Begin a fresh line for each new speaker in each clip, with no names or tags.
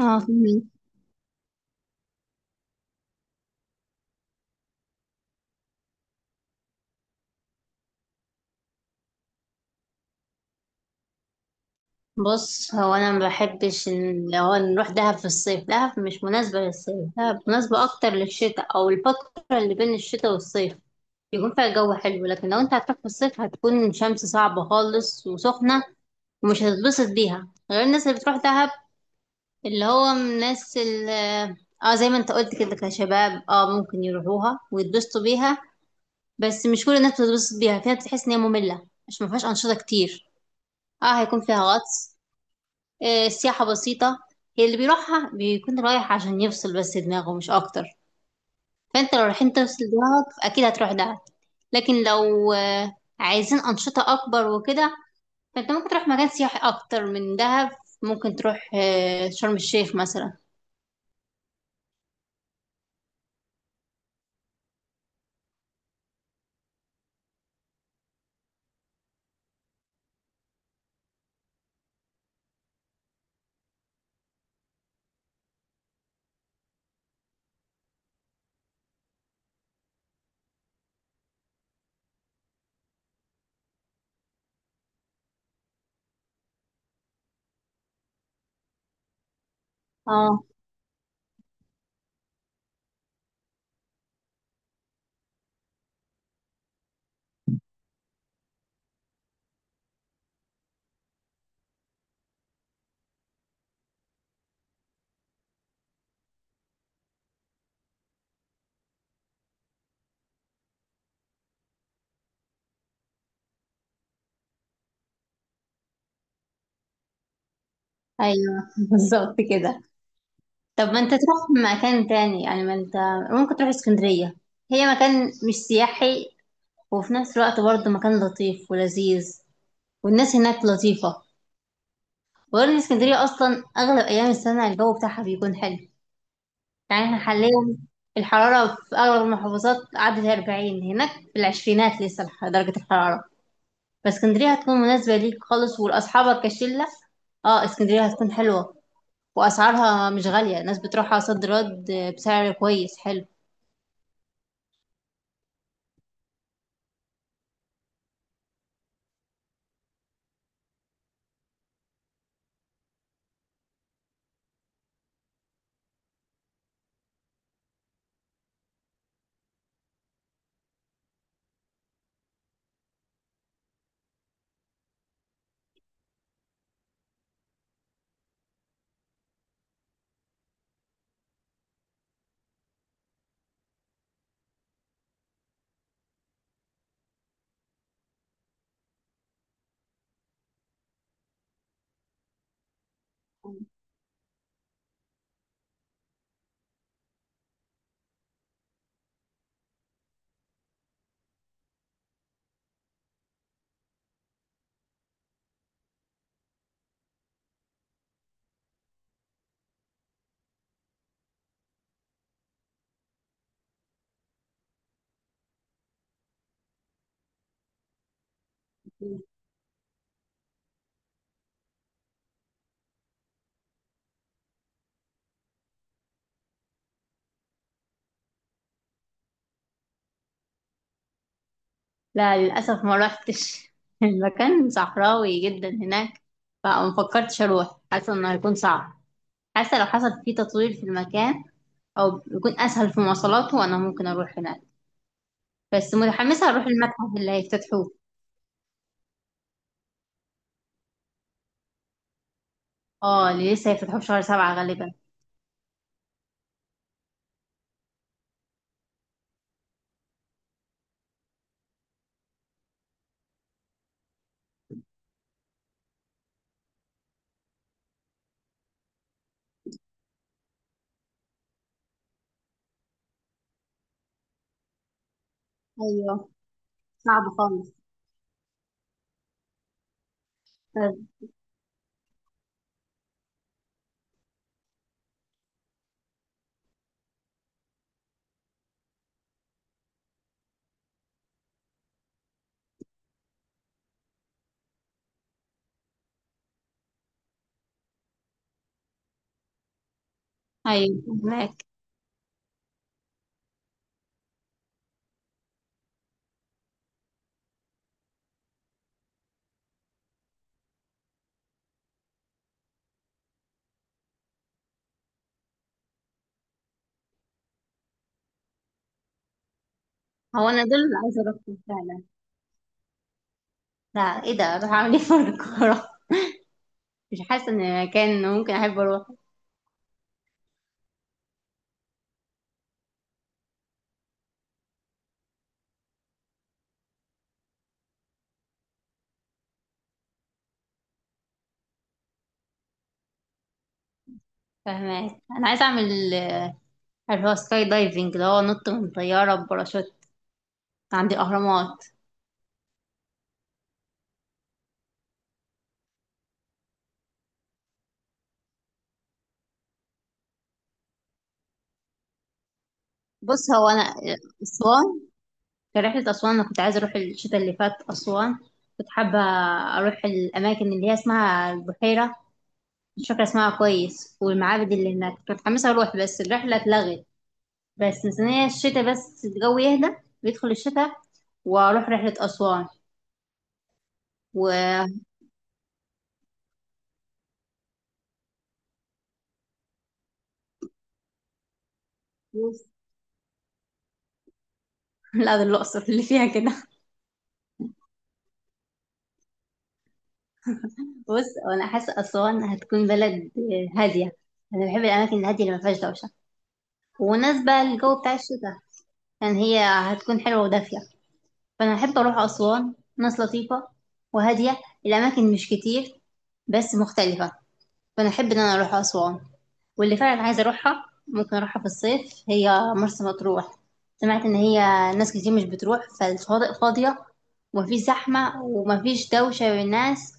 اه فهمت. بص، هو انا ما بحبش ان لو نروح دهب في الصيف. دهب مش مناسبه للصيف، دهب مناسبه اكتر للشتاء او الفتره اللي بين الشتاء والصيف يكون فيها جو حلو. لكن لو انت هتروح في الصيف هتكون شمس صعبه خالص وسخنه، ومش هتتبسط بيها غير الناس اللي بتروح دهب، اللي هو من الناس اللي اه زي ما انت قلت كده، كشباب ممكن يروحوها ويتبسطوا بيها. بس مش كل الناس بتتبسط بيها، فيها بتحس ان هي ممله، مش ما فيهاش انشطه كتير. اه هيكون فيها غطس. السياحة بسيطة، هي اللي بيروحها بيكون رايح عشان يفصل بس دماغه، مش أكتر. فأنت لو رايحين تفصل دماغك أكيد هتروح دهب، لكن لو عايزين أنشطة أكبر وكده، فأنت ممكن تروح مكان سياحي أكتر من دهب. ممكن تروح شرم الشيخ مثلا. اه ايوه بالظبط كده. طب ما انت تروح مكان تاني، يعني ما انت ممكن تروح اسكندرية. هي مكان مش سياحي وفي نفس الوقت برضه مكان لطيف ولذيذ، والناس هناك لطيفة. وغير ان اسكندريه اصلا اغلب ايام السنه الجو بتاعها بيكون حلو. يعني احنا حاليا الحراره في اغلب المحافظات عدت 40، هناك في العشرينات لسه درجه الحراره. فاسكندريه هتكون مناسبه ليك خالص ولاصحابك كشله. اه اسكندريه هتكون حلوه، واسعارها مش غاليه. الناس بتروحها صد رد بسعر كويس حلو. لا للاسف ما روحتش المكان صحراوي جدا هناك، فما فكرتش اروح، حاسه انه هيكون صعب. حاسة لو حصل فيه تطوير في المكان أو يكون أسهل في مواصلاته أنا ممكن أروح هناك. بس متحمسة أروح المتحف اللي هيفتتحوه، اه اللي لسه هيفتحوه في شهر سبعة غالبا. ايوه صعب خالص. طب أيوة، هناك هو أنا دول اللي عايزة أروحهم فعلا. لا، إيه ده؟ أروح أعمل إيه في القاهرة؟ مش حاسة إن مكان ممكن أحب أروح. فهناك أنا عايزة أعمل اللي هو سكاي دايفنج، اللي هو نط من طيارة بباراشوت عند الأهرامات. بص، هو أنا أسوان، في رحلة أسوان أنا كنت عايزة أروح الشتاء اللي فات أسوان. كنت حابة أروح الأماكن اللي هي اسمها البحيرة، مش فاكرة اسمها كويس، والمعابد اللي هناك كنت متحمسة أروح، بس الرحلة اتلغت. بس مستنية الشتاء، بس الجو يهدى، بيدخل الشتاء وأروح رحلة أسوان. و بص لا ده الأقصر اللي فيها كده. بص، وأنا حاسة أسوان هتكون بلد هادية. أنا بحب الأماكن الهادية اللي ما فيهاش دوشة، ومناسبة للجو بتاع الشتاء، يعني هي هتكون حلوة ودافية. فانا احب اروح اسوان، ناس لطيفه وهاديه، الاماكن مش كتير بس مختلفه. فانا احب ان انا اروح اسوان. واللي فعلا عايزه اروحها ممكن اروحها في الصيف، هي مرسى مطروح. سمعت ان هي ناس كتير مش بتروح، فالشواطئ فاضيه، ومفيش زحمه ومفيش دوشه بين الناس.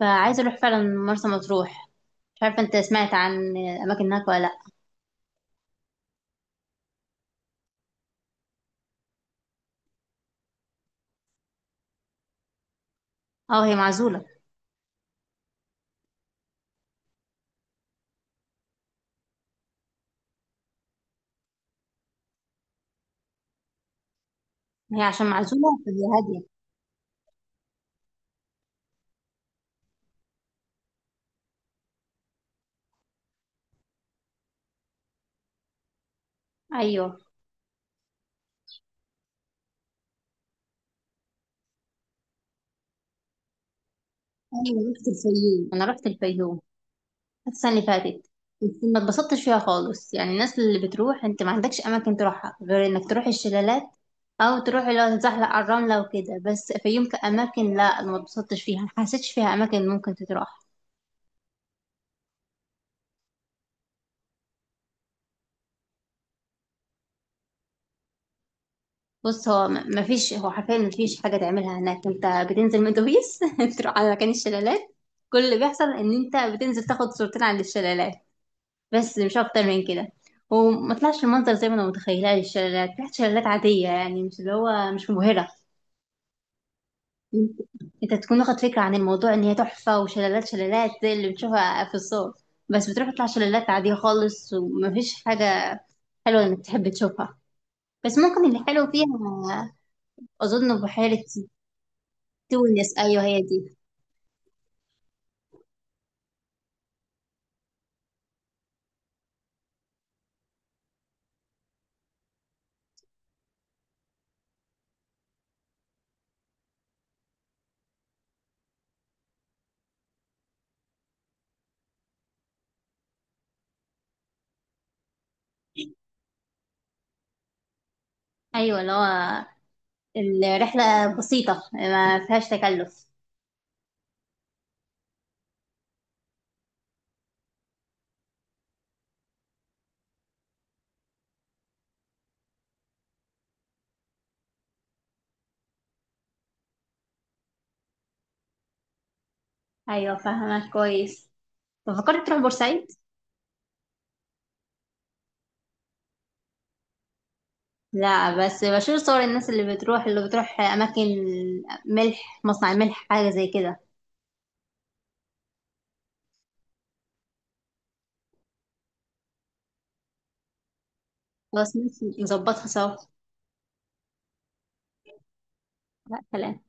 فعايزه اروح فعلا مرسى مطروح. مش عارفه انت سمعت عن الاماكن هناك ولا لا؟ اه هي معزوله، هي عشان معزوله فهي هاديه. ايوه. ايوه رحت الفيوم، انا رحت الفيوم السنة اللي فاتت. ما اتبسطتش فيها خالص، يعني الناس اللي بتروح انت ما عندكش اماكن تروحها غير انك تروح الشلالات او تروح اللي هو تتزحلق على الرملة وكده. بس فيوم كأماكن، لا، أنا ما اتبسطتش فيها، ما حسيتش فيها اماكن ممكن تتروح. بص ما فيش، هو حرفيا ما فيش حاجة تعملها هناك. انت بتنزل من اتوبيس تروح على مكان الشلالات، كل اللي بيحصل ان انت بتنزل تاخد صورتين على الشلالات، بس مش اكتر من كده. وما طلعش المنظر زي ما انا متخيلاه للشلالات، طلعت شلالات عادية، يعني مش اللي هو، مش مبهرة. انت تكون واخد فكرة عن الموضوع ان هي تحفة، وشلالات شلالات زي اللي بتشوفها في الصور، بس بتروح تطلع شلالات عادية خالص، ومفيش حاجة حلوة انك تحب تشوفها. بس ممكن اللي حلو فيها، اظن بحيرة تونس، ايوه هي دي. ايوه اللي هو الرحلة بسيطة ما فيهاش تكلف. ايوه فاهمة كويس. طب فكرت تروح بورسعيد؟ لا، بس بشوف صور الناس اللي بتروح، اللي بتروح اماكن ملح، مصنع ملح حاجة زي كده. خلاص ماشي نظبطها سوا. لا كلام.